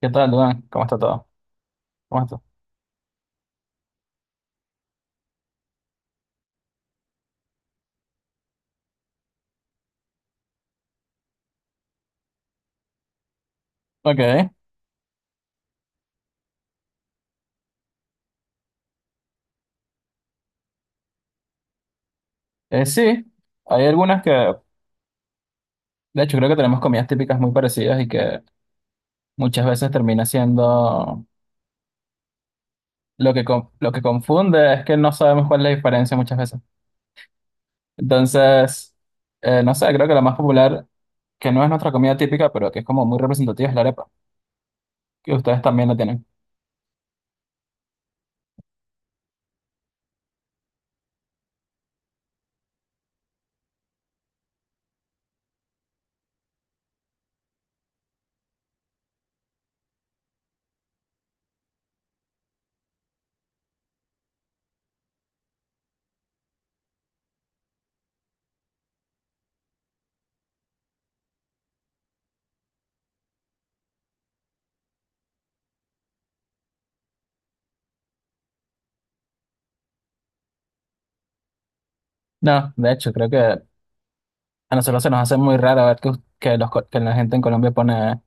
¿Qué tal, Duan? ¿Cómo está todo? ¿Cómo está? Ok. Sí, hay algunas que, de hecho, creo que tenemos comidas típicas muy parecidas y que muchas veces termina siendo lo lo que confunde es que no sabemos cuál es la diferencia muchas veces. Entonces, no sé, creo que la más popular, que no es nuestra comida típica, pero que es como muy representativa, es la arepa, que ustedes también la tienen. No, de hecho, creo que a nosotros se nos hace muy raro ver que la gente en Colombia pone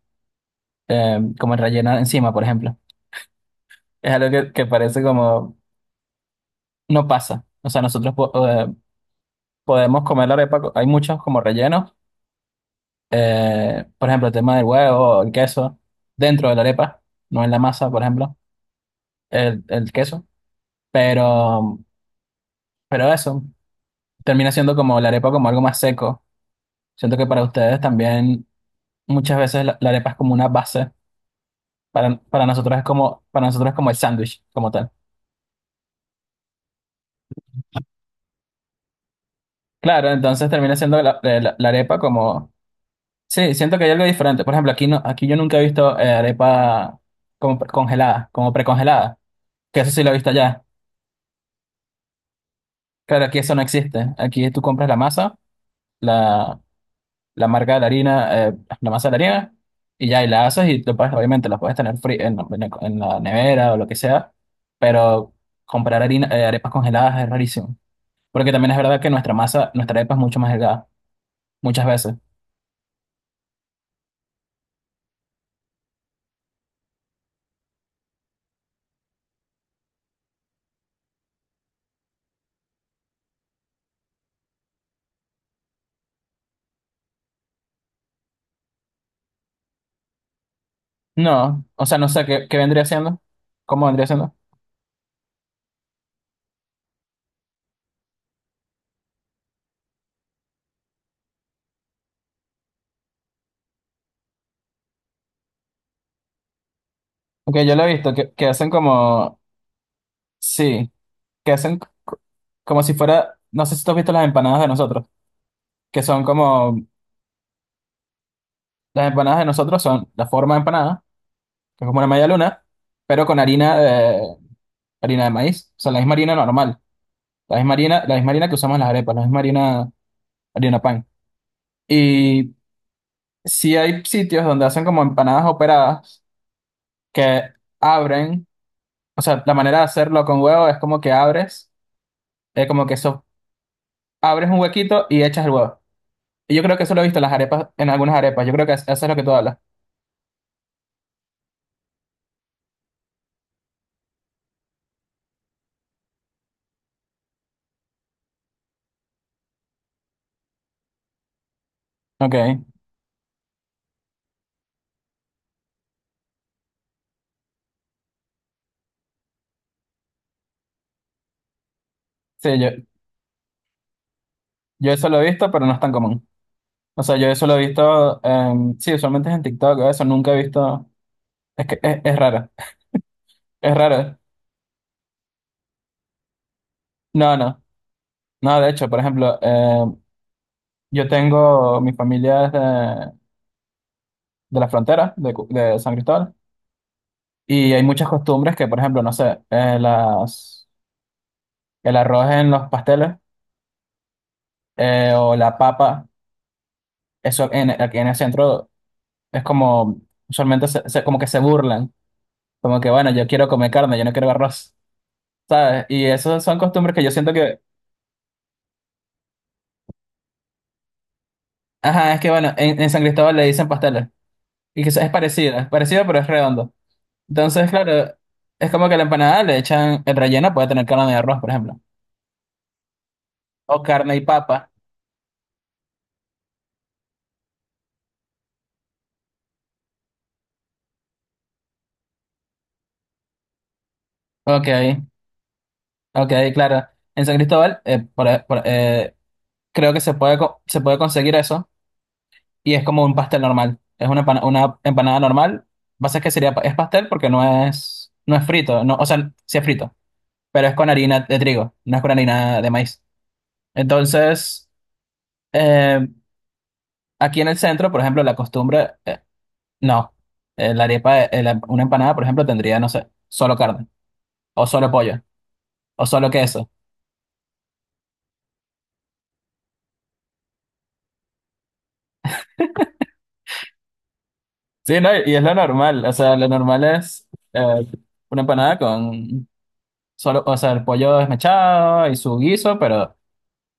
como rellena encima, por ejemplo. Es algo que parece como no pasa. O sea, podemos comer la arepa. Hay muchos como rellenos. Por ejemplo, el tema del huevo, el queso, dentro de la arepa, no en la masa, por ejemplo, el queso. Pero, pero eso termina siendo como la arepa como algo más seco. Siento que para ustedes también muchas veces la arepa es como una base. Para nosotros es como el sándwich, como tal. Claro, entonces termina siendo la arepa como sí, siento que hay algo diferente. Por ejemplo, aquí no, aquí yo nunca he visto arepa congelada, como precongelada, que eso sí lo he visto allá. Claro, aquí eso no existe. Aquí tú compras la masa, la, la marca de la harina, la masa de la harina, y ya, y la haces y lo obviamente la puedes tener fría la en la nevera o lo que sea, pero comprar harina, arepas congeladas es rarísimo. Porque también es verdad que nuestra masa, nuestra arepa es mucho más delgada, muchas veces. No, o sea, no sé qué vendría siendo, cómo vendría siendo. Aunque yo lo he visto, que hacen como, sí, que hacen como si fuera, no sé si tú has visto las empanadas de nosotros, que son como, las empanadas de nosotros son la forma de empanada, que es como una media luna, pero con harina de maíz, o sea, la misma harina normal, la misma harina que usamos en las arepas, la misma harina, harina pan. Y sí hay sitios donde hacen como empanadas operadas que abren, o sea, la manera de hacerlo con huevo es como que abres, como que eso, abres un huequito y echas el huevo. Y yo creo que eso lo he visto en las arepas, en algunas arepas. Yo creo que eso es lo que tú hablas. Ok. Sí, yo eso lo he visto, pero no es tan común. O sea, yo eso lo he visto, sí, usualmente es en TikTok, o eso nunca he visto. Es que es raro. Es raro. No, no. No, de hecho, por ejemplo, yo tengo, mi familia es de la frontera, de San Cristóbal, y hay muchas costumbres que, por ejemplo, no sé, el arroz en los pasteles o la papa, eso en, aquí en el centro. Es como, usualmente como que se burlan, como que, bueno, yo quiero comer carne, yo no quiero arroz, ¿sabes? Y esas son costumbres que yo siento que, ajá, es que, bueno, en San Cristóbal le dicen pasteles, y que es parecido, pero es redondo. Entonces, claro, es como que a la empanada le echan, el relleno puede tener carne de arroz, por ejemplo, o carne y papa. Ok, ok, claro. En San Cristóbal, creo que se puede, se puede conseguir eso y es como un pastel normal. Es una, una empanada normal. Pasa es que sería, es pastel porque no es, no es frito, no, o sea, sí es frito, pero es con harina de trigo, no es con harina de maíz. Entonces, eh, aquí en el centro, por ejemplo, la costumbre, no, la arepa, una empanada, por ejemplo, tendría, no sé, solo carne, o solo pollo, o solo queso. Sí, no, y es lo normal, o sea, lo normal es eh, una empanada con solo, o sea, el pollo desmechado y su guiso, pero...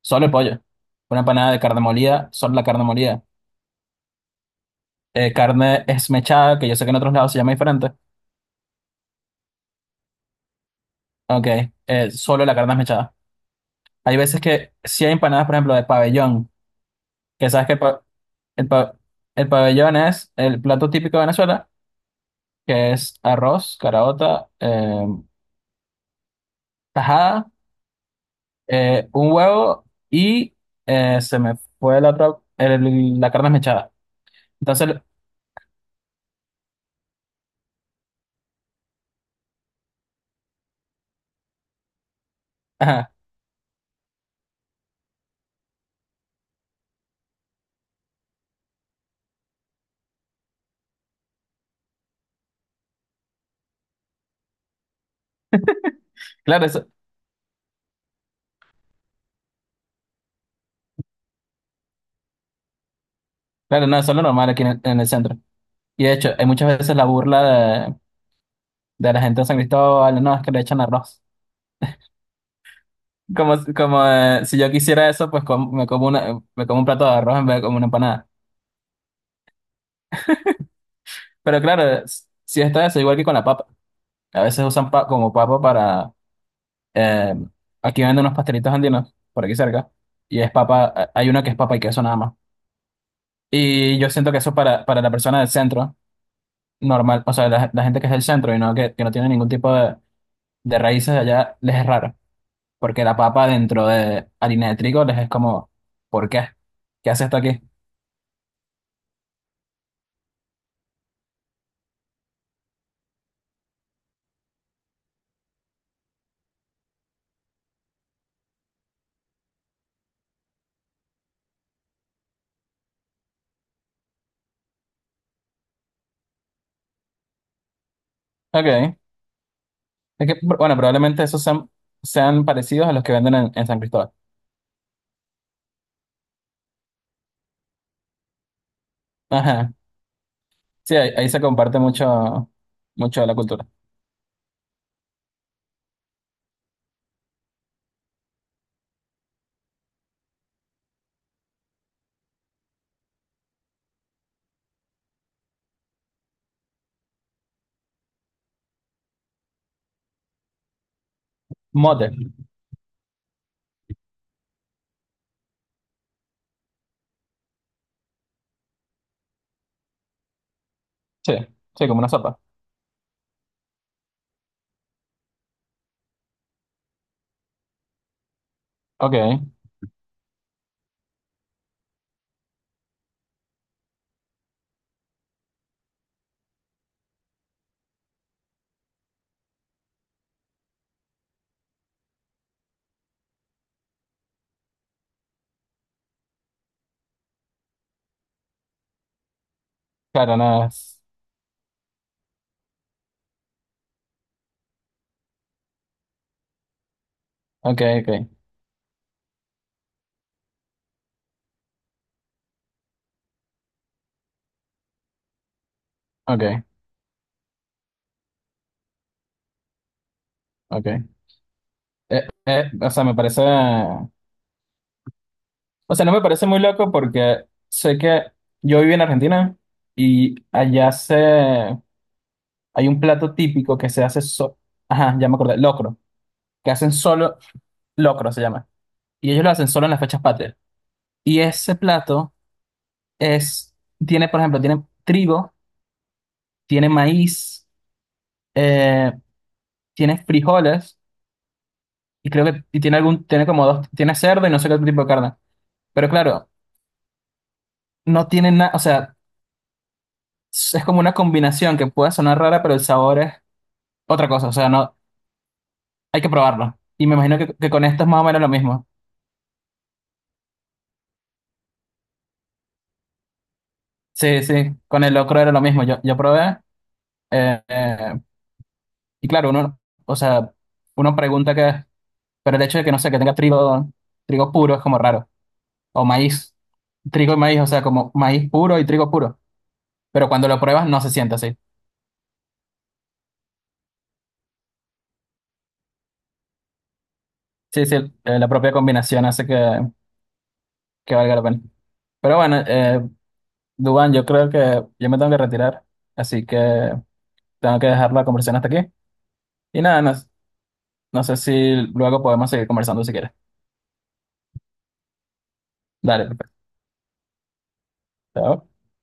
solo el pollo. Una empanada de carne molida, solo la carne molida. Carne esmechada, que yo sé que en otros lados se llama diferente. Ok, solo la carne esmechada. Hay veces que si hay empanadas, por ejemplo, de pabellón, que sabes que el pa- el pabellón es el plato típico de Venezuela, que es arroz, caraota, tajada, un huevo y se me fue la otra, la carne esmechada. Entonces, ajá, claro, eso- claro, no, eso es lo normal aquí en el centro. Y de hecho, hay muchas veces la burla de la gente de San Cristóbal, no, es que le echan arroz. Como, como si yo quisiera eso, pues me como una, me como un plato de arroz en vez de como una empanada. Pero claro, si está eso, igual que con la papa. A veces usan como papa para... eh, aquí venden unos pastelitos andinos, por aquí cerca, y es papa, hay uno que es papa y queso nada más. Y yo siento que eso para la persona del centro, normal, o sea, la gente que es del centro y no, que no tiene ningún tipo de raíces allá, les es raro. Porque la papa dentro de harina de trigo les es como, ¿por qué? ¿Qué hace esto aquí? Ok. Es que, bueno, probablemente esos sean, sean parecidos a los que venden en San Cristóbal. Ajá. Sí, ahí, ahí se comparte mucho, mucho de la cultura. Mote. Sí, sí, como una sopa. Ok. Claro, no es ok, ok, ok, ok. O sea, me parece... O sea, no me parece muy loco porque sé que yo viví en Argentina y allá se... hay un plato típico que se hace so ajá, ya me acordé, locro, que hacen solo, locro se llama, y ellos lo hacen solo en las fechas patrias. Y ese plato es, tiene, por ejemplo, tiene trigo, tiene maíz, eh, tiene frijoles, y creo que tiene algún, tiene como dos, tiene cerdo y no sé qué otro tipo de carne. Pero claro, no tiene nada, o sea, es como una combinación que puede sonar rara, pero el sabor es otra cosa, o sea, no, hay que probarlo. Y me imagino que con esto es más o menos lo mismo. Sí, sí, con el locro era lo mismo. Yo probé. Eh, eh, y claro, uno, o sea, uno pregunta que, pero el hecho de que no sé, que tenga trigo, trigo puro es como raro. O maíz, trigo y maíz, o sea, como maíz puro y trigo puro. Pero cuando lo pruebas no se siente así. Sí, sí, la propia combinación hace que valga la pena. Pero bueno, Dubán, yo creo que yo me tengo que retirar, así que tengo que dejar la conversación hasta aquí. Y nada, no, no sé si luego podemos seguir conversando si quieres. Dale, perfecto. Chao.